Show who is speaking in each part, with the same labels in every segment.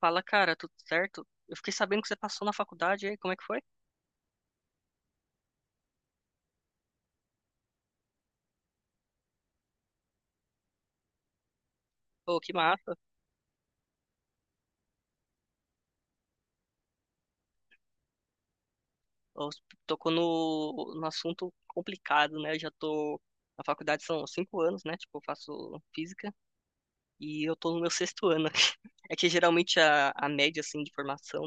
Speaker 1: Fala, cara, tudo certo? Eu fiquei sabendo que você passou na faculdade, e aí, como é que foi? Pô, que massa. Ó, você tocou no assunto complicado, né? Eu já tô na faculdade são 5 anos, né? Tipo, eu faço física e eu tô no meu sexto ano aqui. É que geralmente a média, assim, de formação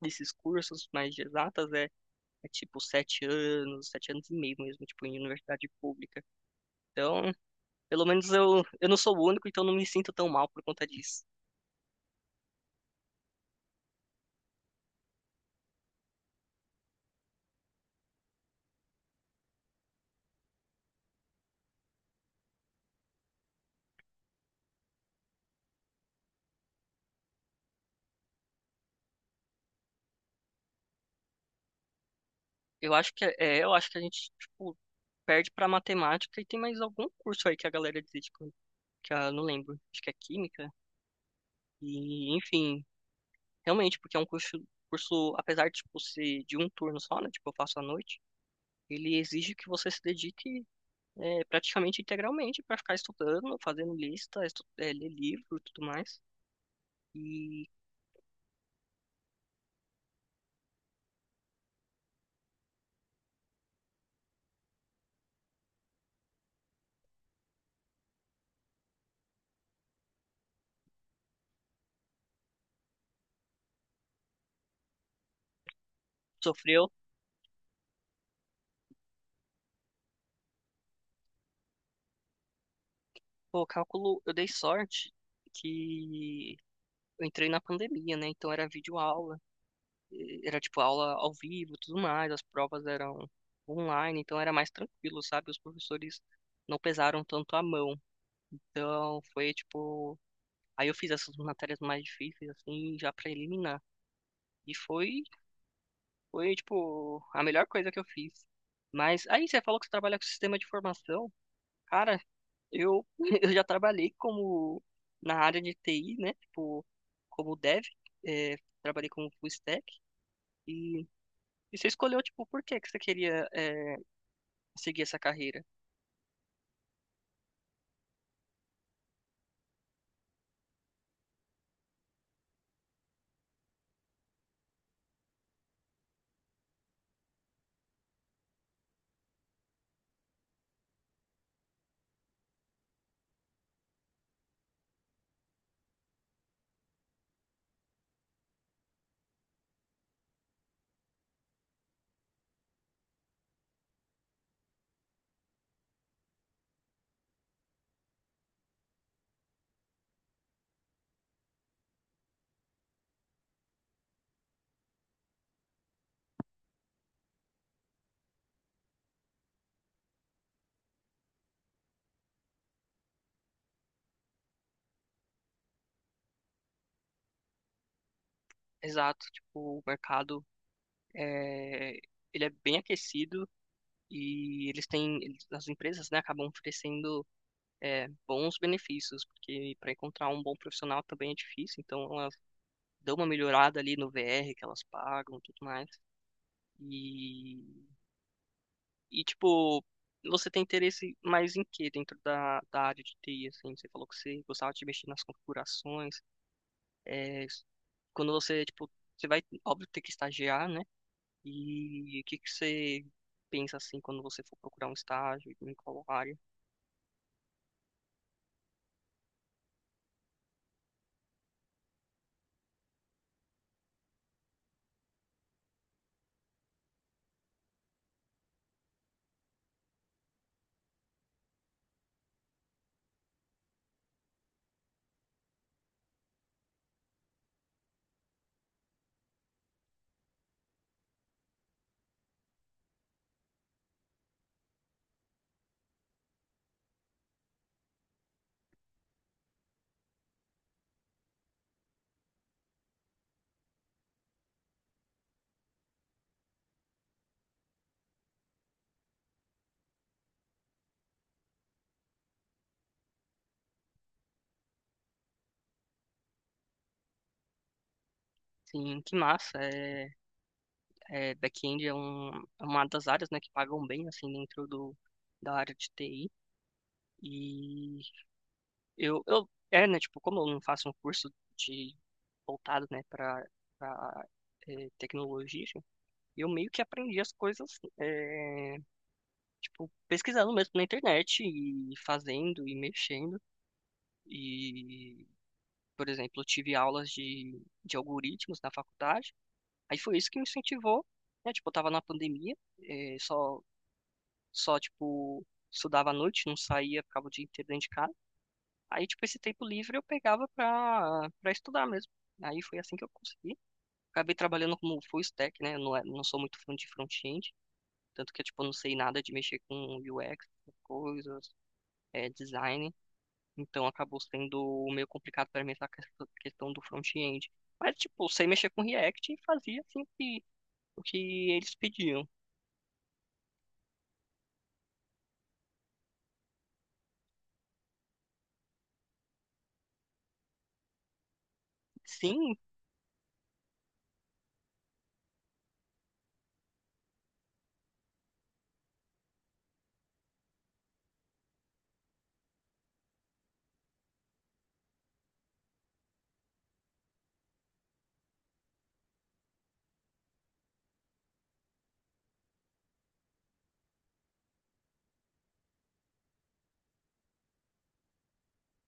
Speaker 1: desses cursos mais de exatas é tipo 7 anos, 7 anos e meio mesmo, tipo, em universidade pública. Então, pelo menos eu não sou o único, então não me sinto tão mal por conta disso. Eu acho que eu acho que a gente, tipo, perde pra matemática e tem mais algum curso aí que a galera desiste, que eu não lembro. Acho que é química. E, enfim, realmente, porque é um curso, apesar de, tipo, ser de um turno só, né? Tipo, eu faço à noite, ele exige que você se dedique praticamente integralmente pra ficar estudando, fazendo lista, ler livro e tudo mais. E sofreu, pô, cálculo, eu dei sorte que eu entrei na pandemia, né? Então era videoaula. Era tipo aula ao vivo, tudo mais, as provas eram online, então era mais tranquilo, sabe? Os professores não pesaram tanto a mão. Então foi tipo, aí eu fiz essas matérias mais difíceis assim, já pra eliminar. E foi tipo a melhor coisa que eu fiz. Mas aí você falou que você trabalha com sistema de formação. Cara, eu eu já trabalhei como na área de TI, né? Tipo, como dev, é, trabalhei como full stack e, e você escolheu tipo por que que você queria seguir essa carreira. Exato, tipo, o mercado é, ele é bem aquecido e as empresas, né, acabam oferecendo bons benefícios, porque para encontrar um bom profissional também é difícil, então elas dão uma melhorada ali no VR que elas pagam, e tudo mais. E, e, tipo, você tem interesse mais em quê dentro da área de TI, assim? Você falou que você gostava de mexer nas configurações, é, quando você, tipo, você vai, óbvio, ter que estagiar, né? E o que que você pensa assim quando você for procurar um estágio em qual área? Sim, que massa. Back-end é uma das áreas, né, que pagam bem assim dentro do da área de TI. E eu, né, tipo, como eu não faço um curso de voltado, né, para tecnologia, eu meio que aprendi as coisas, tipo, pesquisando mesmo na internet e fazendo e mexendo. E, por exemplo, eu tive aulas de algoritmos na faculdade. Aí foi isso que me incentivou, né? Tipo, eu tava na pandemia, eh, só, só, tipo, estudava à noite, não saía, ficava o dia inteiro dentro de casa. Aí, tipo, esse tempo livre eu pegava pra estudar mesmo. Aí foi assim que eu consegui. Acabei trabalhando como full stack, né? Eu não sou muito fã de front-end, tanto que eu, tipo, não sei nada de mexer com UX, essas coisas, design. Então acabou sendo meio complicado para mim essa questão do front-end. Mas, tipo, sei mexer com React e fazia assim o que eles pediam. Sim,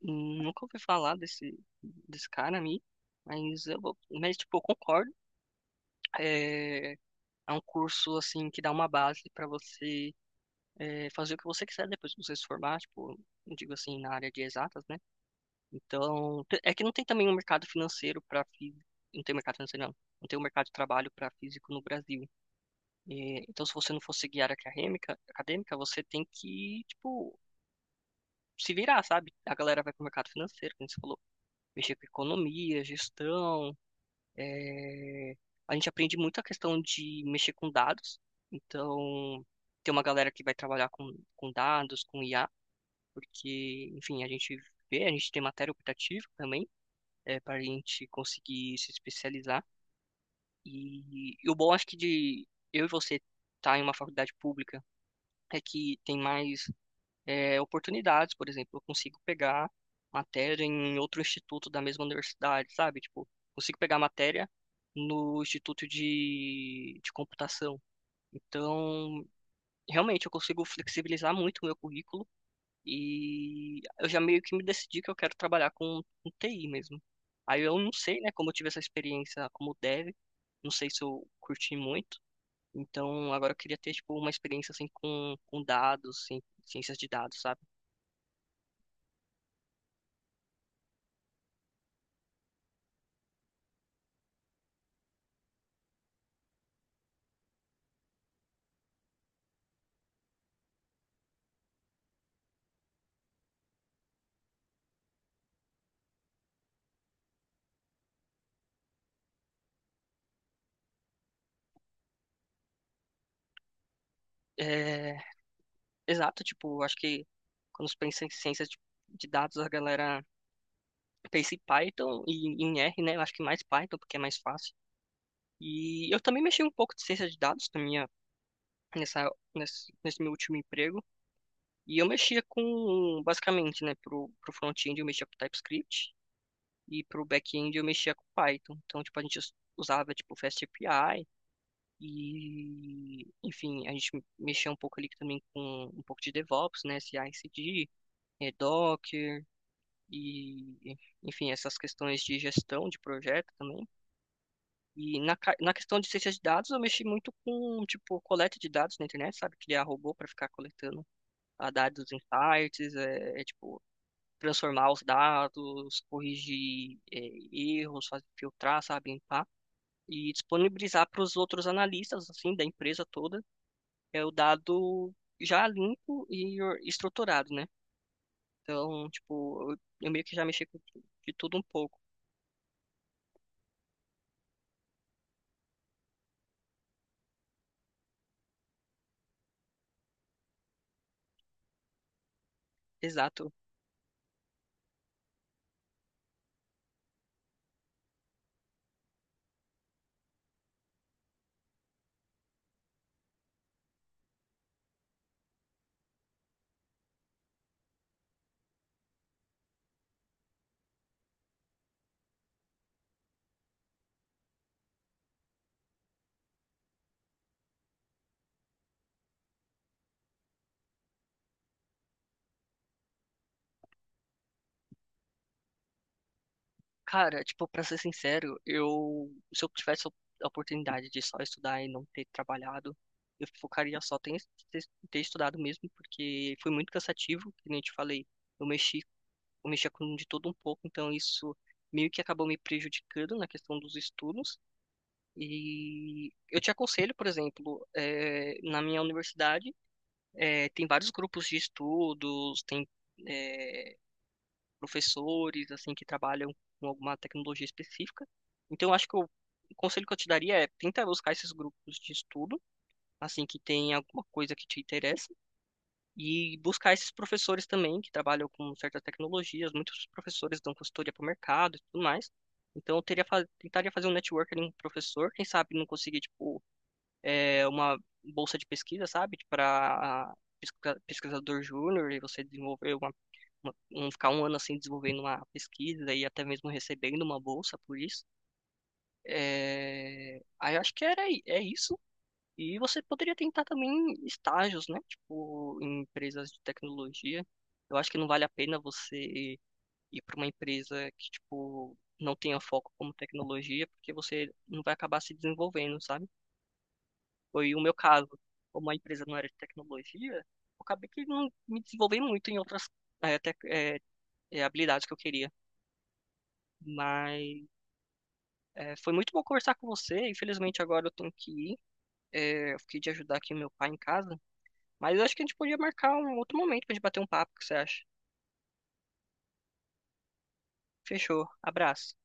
Speaker 1: nunca ouvi falar desse cara aí, mas mas tipo, eu concordo. É, é um curso assim que dá uma base para você fazer o que você quiser depois que você se formar, tipo, eu digo assim, na área de exatas, né? Então, é que não tem também um mercado financeiro para físico. Não tem mercado financeiro, não. Não tem um mercado de trabalho para físico no Brasil. E, então, se você não for seguir área acadêmica, você tem que, tipo, se virar, sabe? A galera vai pro mercado financeiro, como você falou, mexer com economia, gestão. eh, A gente aprende muito a questão de mexer com dados. Então, tem uma galera que vai trabalhar com dados, com IA, porque, enfim, a gente tem matéria optativa também, para a gente conseguir se especializar. E, o bom, acho que de eu e você estar em uma faculdade pública é que tem mais oportunidades, por exemplo, eu consigo pegar matéria em outro instituto da mesma universidade, sabe? Tipo, consigo pegar matéria no instituto de computação. Então, realmente, eu consigo flexibilizar muito o meu currículo e eu já meio que me decidi que eu quero trabalhar com TI mesmo. Aí eu não sei, né, como eu tive essa experiência como dev, não sei se eu curti muito, então, agora eu queria ter, tipo, uma experiência, assim, com dados, assim, ciências de dados, sabe? É, exato, tipo, acho que quando se pensa em ciências de dados, a galera pensa em Python e em R, né? Eu acho que mais Python, porque é mais fácil. E eu também mexi um pouco de ciência de dados na minha, nessa, nesse, nesse meu último emprego. E eu mexia com, basicamente, né, pro front-end eu mexia com TypeScript e pro back-end eu mexia com Python. Então, tipo, a gente usava, tipo, FastAPI. E, enfim, a gente mexeu um pouco ali também com um pouco de DevOps, né? CI/CD, Docker e, enfim, essas questões de gestão de projeto também. E na questão de ciência de dados, eu mexi muito com, tipo, coleta de dados na internet, sabe? Criar robô para ficar coletando dados em sites, tipo, transformar os dados, corrigir erros, fazer, filtrar, sabe? Limpar e disponibilizar para os outros analistas, assim, da empresa toda é o dado já limpo e estruturado, né? Então, tipo, eu meio que já mexi com de tudo um pouco. Exato. Cara, tipo, pra ser sincero, se eu tivesse a oportunidade de só estudar e não ter trabalhado, eu focaria só em ter, ter, estudado mesmo, porque foi muito cansativo, que nem eu te falei, eu mexi, eu mexia com de tudo um pouco, então isso meio que acabou me prejudicando na questão dos estudos. E eu te aconselho, por exemplo, na minha universidade, tem vários grupos de estudos, tem é, professores assim que trabalham com alguma tecnologia específica. Então, eu acho que eu, o conselho que eu te daria é tenta buscar esses grupos de estudo, assim que tem alguma coisa que te interessa, e buscar esses professores também que trabalham com certas tecnologias. Muitos professores dão consultoria para o mercado e tudo mais. Então, tentaria fazer um networking com um professor, quem sabe não conseguir, tipo, uma bolsa de pesquisa, sabe? Para pesquisador júnior e você desenvolver ficar um ano assim desenvolvendo uma pesquisa e até mesmo recebendo uma bolsa por isso. É, aí eu acho que é isso. E você poderia tentar também estágios, né? Tipo, em empresas de tecnologia. Eu acho que não vale a pena você ir para uma empresa que, tipo, não tenha foco como tecnologia, porque você não vai acabar se desenvolvendo, sabe? Foi o meu caso. Como a empresa não era de tecnologia, eu acabei que não me desenvolvendo muito em outras eh, tec- eh, habilidades que eu queria. Mas foi muito bom conversar com você. Infelizmente agora eu tenho que ir. Eu fiquei de ajudar aqui meu pai em casa. Mas eu acho que a gente podia marcar um outro momento pra gente bater um papo, o que você acha? Fechou. Abraço.